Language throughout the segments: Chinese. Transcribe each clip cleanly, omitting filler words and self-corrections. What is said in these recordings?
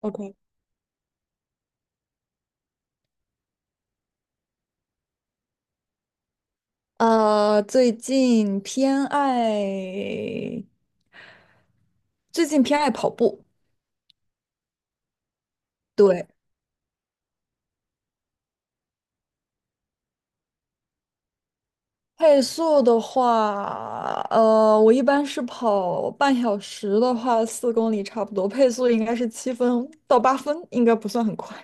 OK，呃，最近偏爱，最近偏爱跑步。对，配速的话，我一般是跑半小时的话，4公里差不多，配速应该是7分到8分，应该不算很快。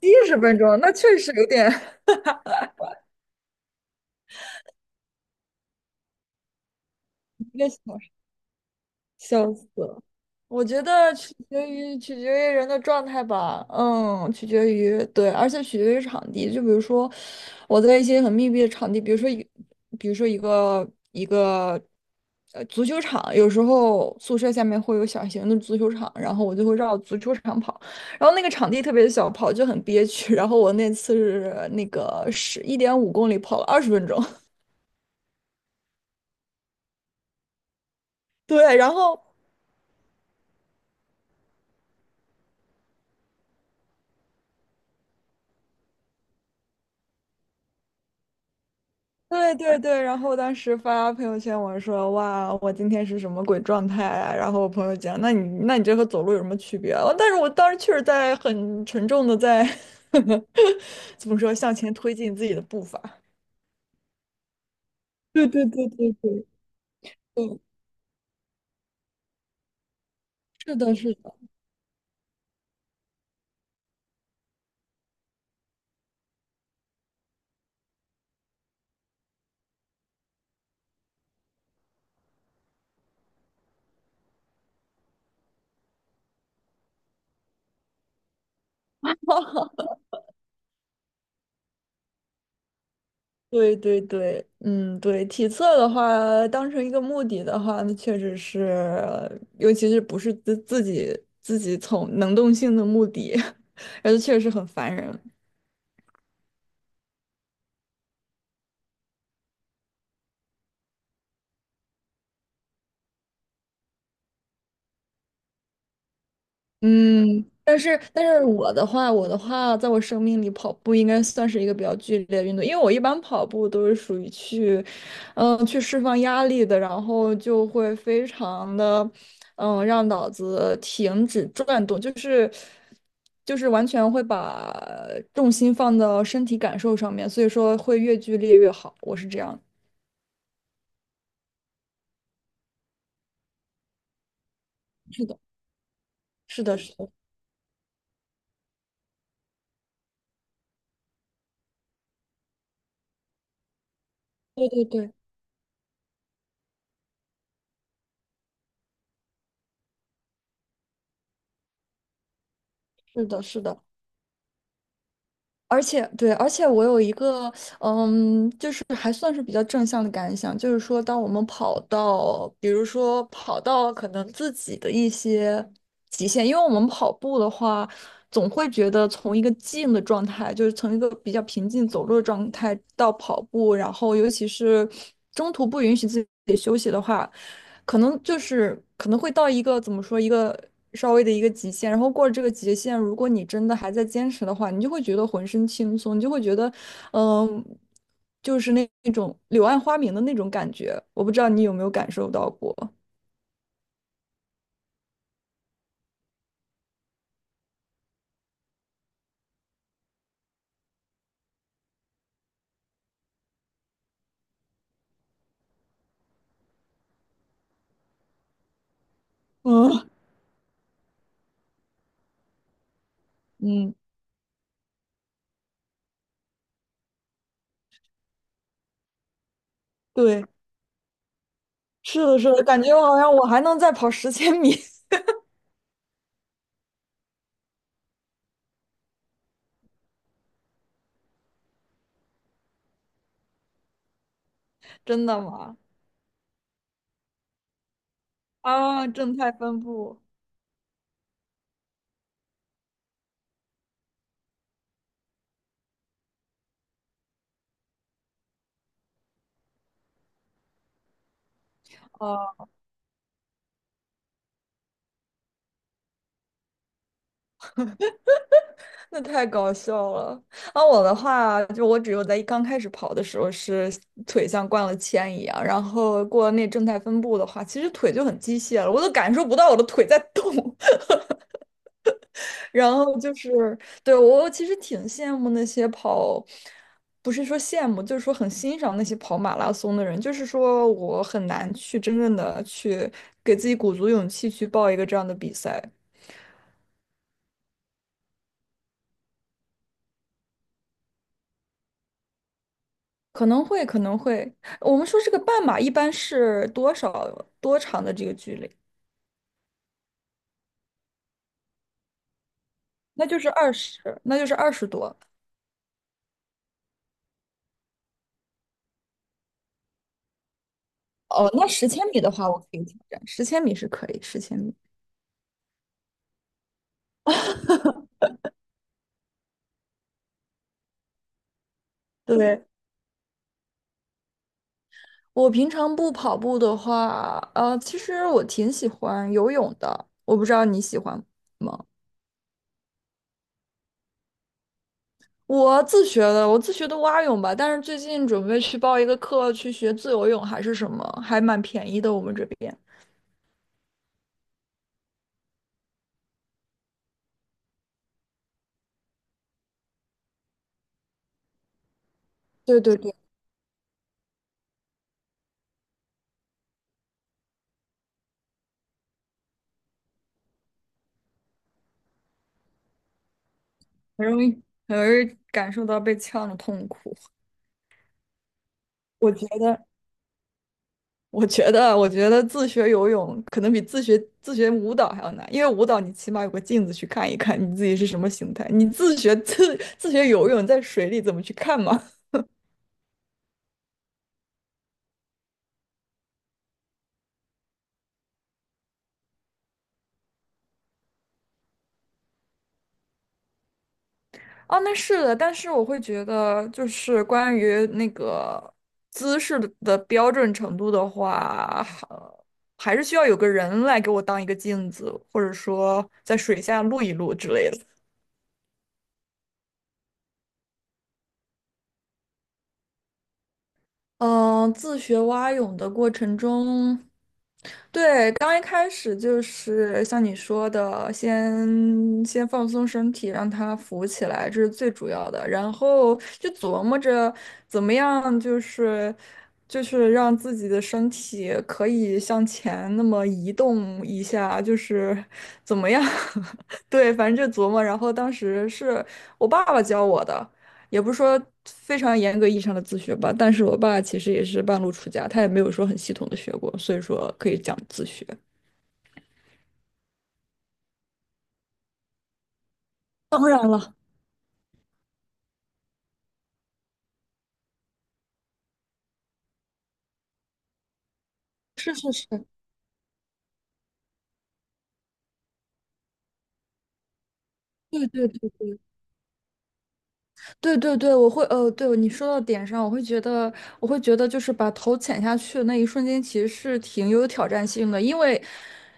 70分钟，那确实有点 一个小时，笑死！了。我觉得取决于人的状态吧，取决于对，而且取决于场地。就比如说，我在一些很密闭的场地，比如说一个足球场，有时候宿舍下面会有小型的足球场，然后我就会绕足球场跑，然后那个场地特别小，跑就很憋屈。然后我那次是1.5公里跑了20分钟，对，然后。对对对，然后当时发朋友圈，我说哇，我今天是什么鬼状态啊？然后我朋友讲，那你这和走路有什么区别啊？但是我当时确实在很沉重的在 怎么说向前推进自己的步伐。对对对对对对，是的，是的，对对对，嗯，对，体测的话，当成一个目的的话，那确实是，尤其是不是自己从能动性的目的，而且确实很烦人。嗯，但是我的话，在我生命里，跑步应该算是一个比较剧烈的运动，因为我一般跑步都是属于去，去释放压力的，然后就会非常的，让脑子停止转动，就是完全会把重心放到身体感受上面，所以说会越剧烈越好，我是这样。是的，是的，是的，对对对，是的，是的。而且对，而且我有一个是还算是比较正向的感想，就是说，当我们跑到，比如说跑到可能自己的一些极限，因为我们跑步的话，总会觉得从一个静的状态，就是从一个比较平静走路的状态到跑步，然后尤其是中途不允许自己休息的话，可能就是可能会到一个怎么说一个稍微的一个极限，然后过了这个极限，如果你真的还在坚持的话，你就会觉得浑身轻松，你就会觉得嗯，就是那种柳暗花明的那种感觉，我不知道你有没有感受到过。嗯 嗯，对，是的，是的，感觉我好像还能再跑十千米。真的吗？啊，正态分布。啊 那太搞笑了。啊，我的话，就我只有在刚开始跑的时候是腿像灌了铅一样，然后过了那正态分布的话，其实腿就很机械了，我都感受不到我的腿在动。然后就是，对，我其实挺羡慕那些跑，不是说羡慕，就是说很欣赏那些跑马拉松的人。就是说我很难去真正的去给自己鼓足勇气去报一个这样的比赛，可能会，可能会。我们说这个半马一般是多少多长的这个距离？那就是20多。哦，那十千米的话，我可以挑战，十千米是可以，十千米。对，我平常不跑步的话，其实我挺喜欢游泳的，我不知道你喜欢吗？我自学的蛙泳吧，但是最近准备去报一个课，去学自由泳还是什么，还蛮便宜的，我们这边。对对对，很容易，很容易感受到被呛的痛苦。我觉得。我觉得，我觉得自学游泳可能比自学舞蹈还要难，因为舞蹈你起码有个镜子去看一看你自己是什么形态，你自学游泳在水里怎么去看嘛？哦，那是的，但是我会觉得，就是关于那个姿势的标准程度的话，还是需要有个人来给我当一个镜子，或者说在水下录一录之类的。嗯，自学蛙泳的过程中，对，刚一开始就是像你说的，先放松身体，让它浮起来，这是最主要的。然后就琢磨着怎么样，就是让自己的身体可以向前那么移动一下，就是怎么样？对，反正就琢磨。然后当时是我爸爸教我的。也不是说非常严格意义上的自学吧，但是我爸其实也是半路出家，他也没有说很系统的学过，所以说可以讲自学。当然了，是是是，对对对。对对对，对你说到点上，我会觉得，就是把头潜下去的那一瞬间，其实是挺有挑战性的，因为，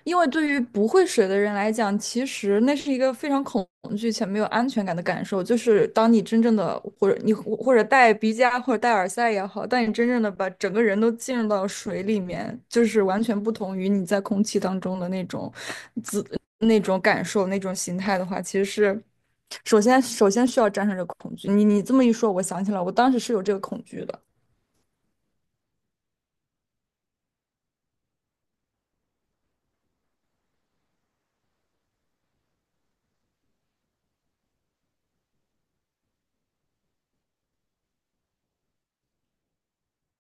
因为对于不会水的人来讲，其实那是一个非常恐惧且没有安全感的感受。就是当你真正的，或者你或者戴鼻夹或者戴耳塞也好，当你真正的把整个人都浸入到水里面，就是完全不同于你在空气当中的那种自那种感受、那种形态的话，其实是。首先需要战胜这个恐惧。你这么一说，我想起来，我当时是有这个恐惧的。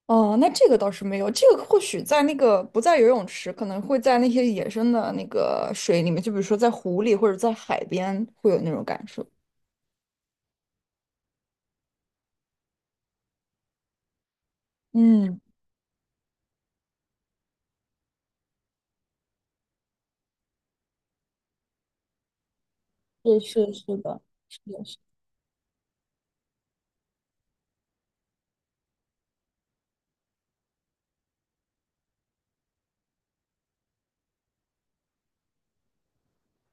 哦，那这个倒是没有，这个或许在那个不在游泳池，可能会在那些野生的那个水里面，就比如说在湖里或者在海边，会有那种感受。嗯，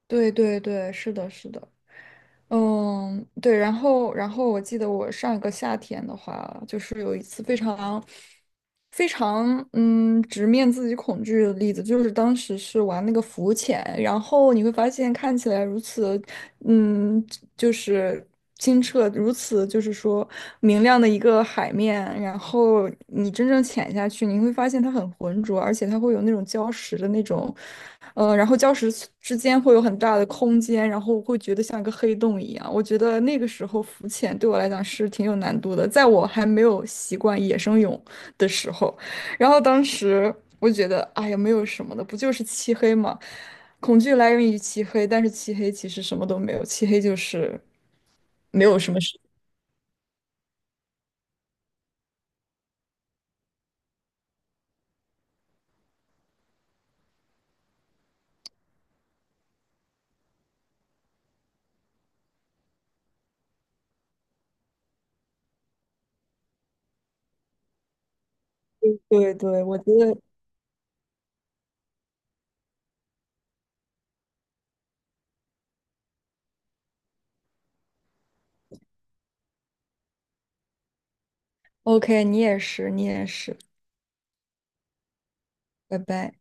对对对，是的，是的。嗯，对，然后我记得我上一个夏天的话，就是有一次非常直面自己恐惧的例子，就是当时是玩那个浮潜，然后你会发现看起来如此嗯，就是清澈如此，就是说明亮的一个海面，然后你真正潜下去，你会发现它很浑浊，而且它会有那种礁石的那种，然后礁石之间会有很大的空间，然后会觉得像一个黑洞一样。我觉得那个时候浮潜对我来讲是挺有难度的，在我还没有习惯野生泳的时候，然后当时我觉得，哎呀，没有什么的，不就是漆黑吗？恐惧来源于漆黑，但是漆黑其实什么都没有，漆黑就是没有什么事。对对，我觉得 OK，你也是，你也是，拜拜。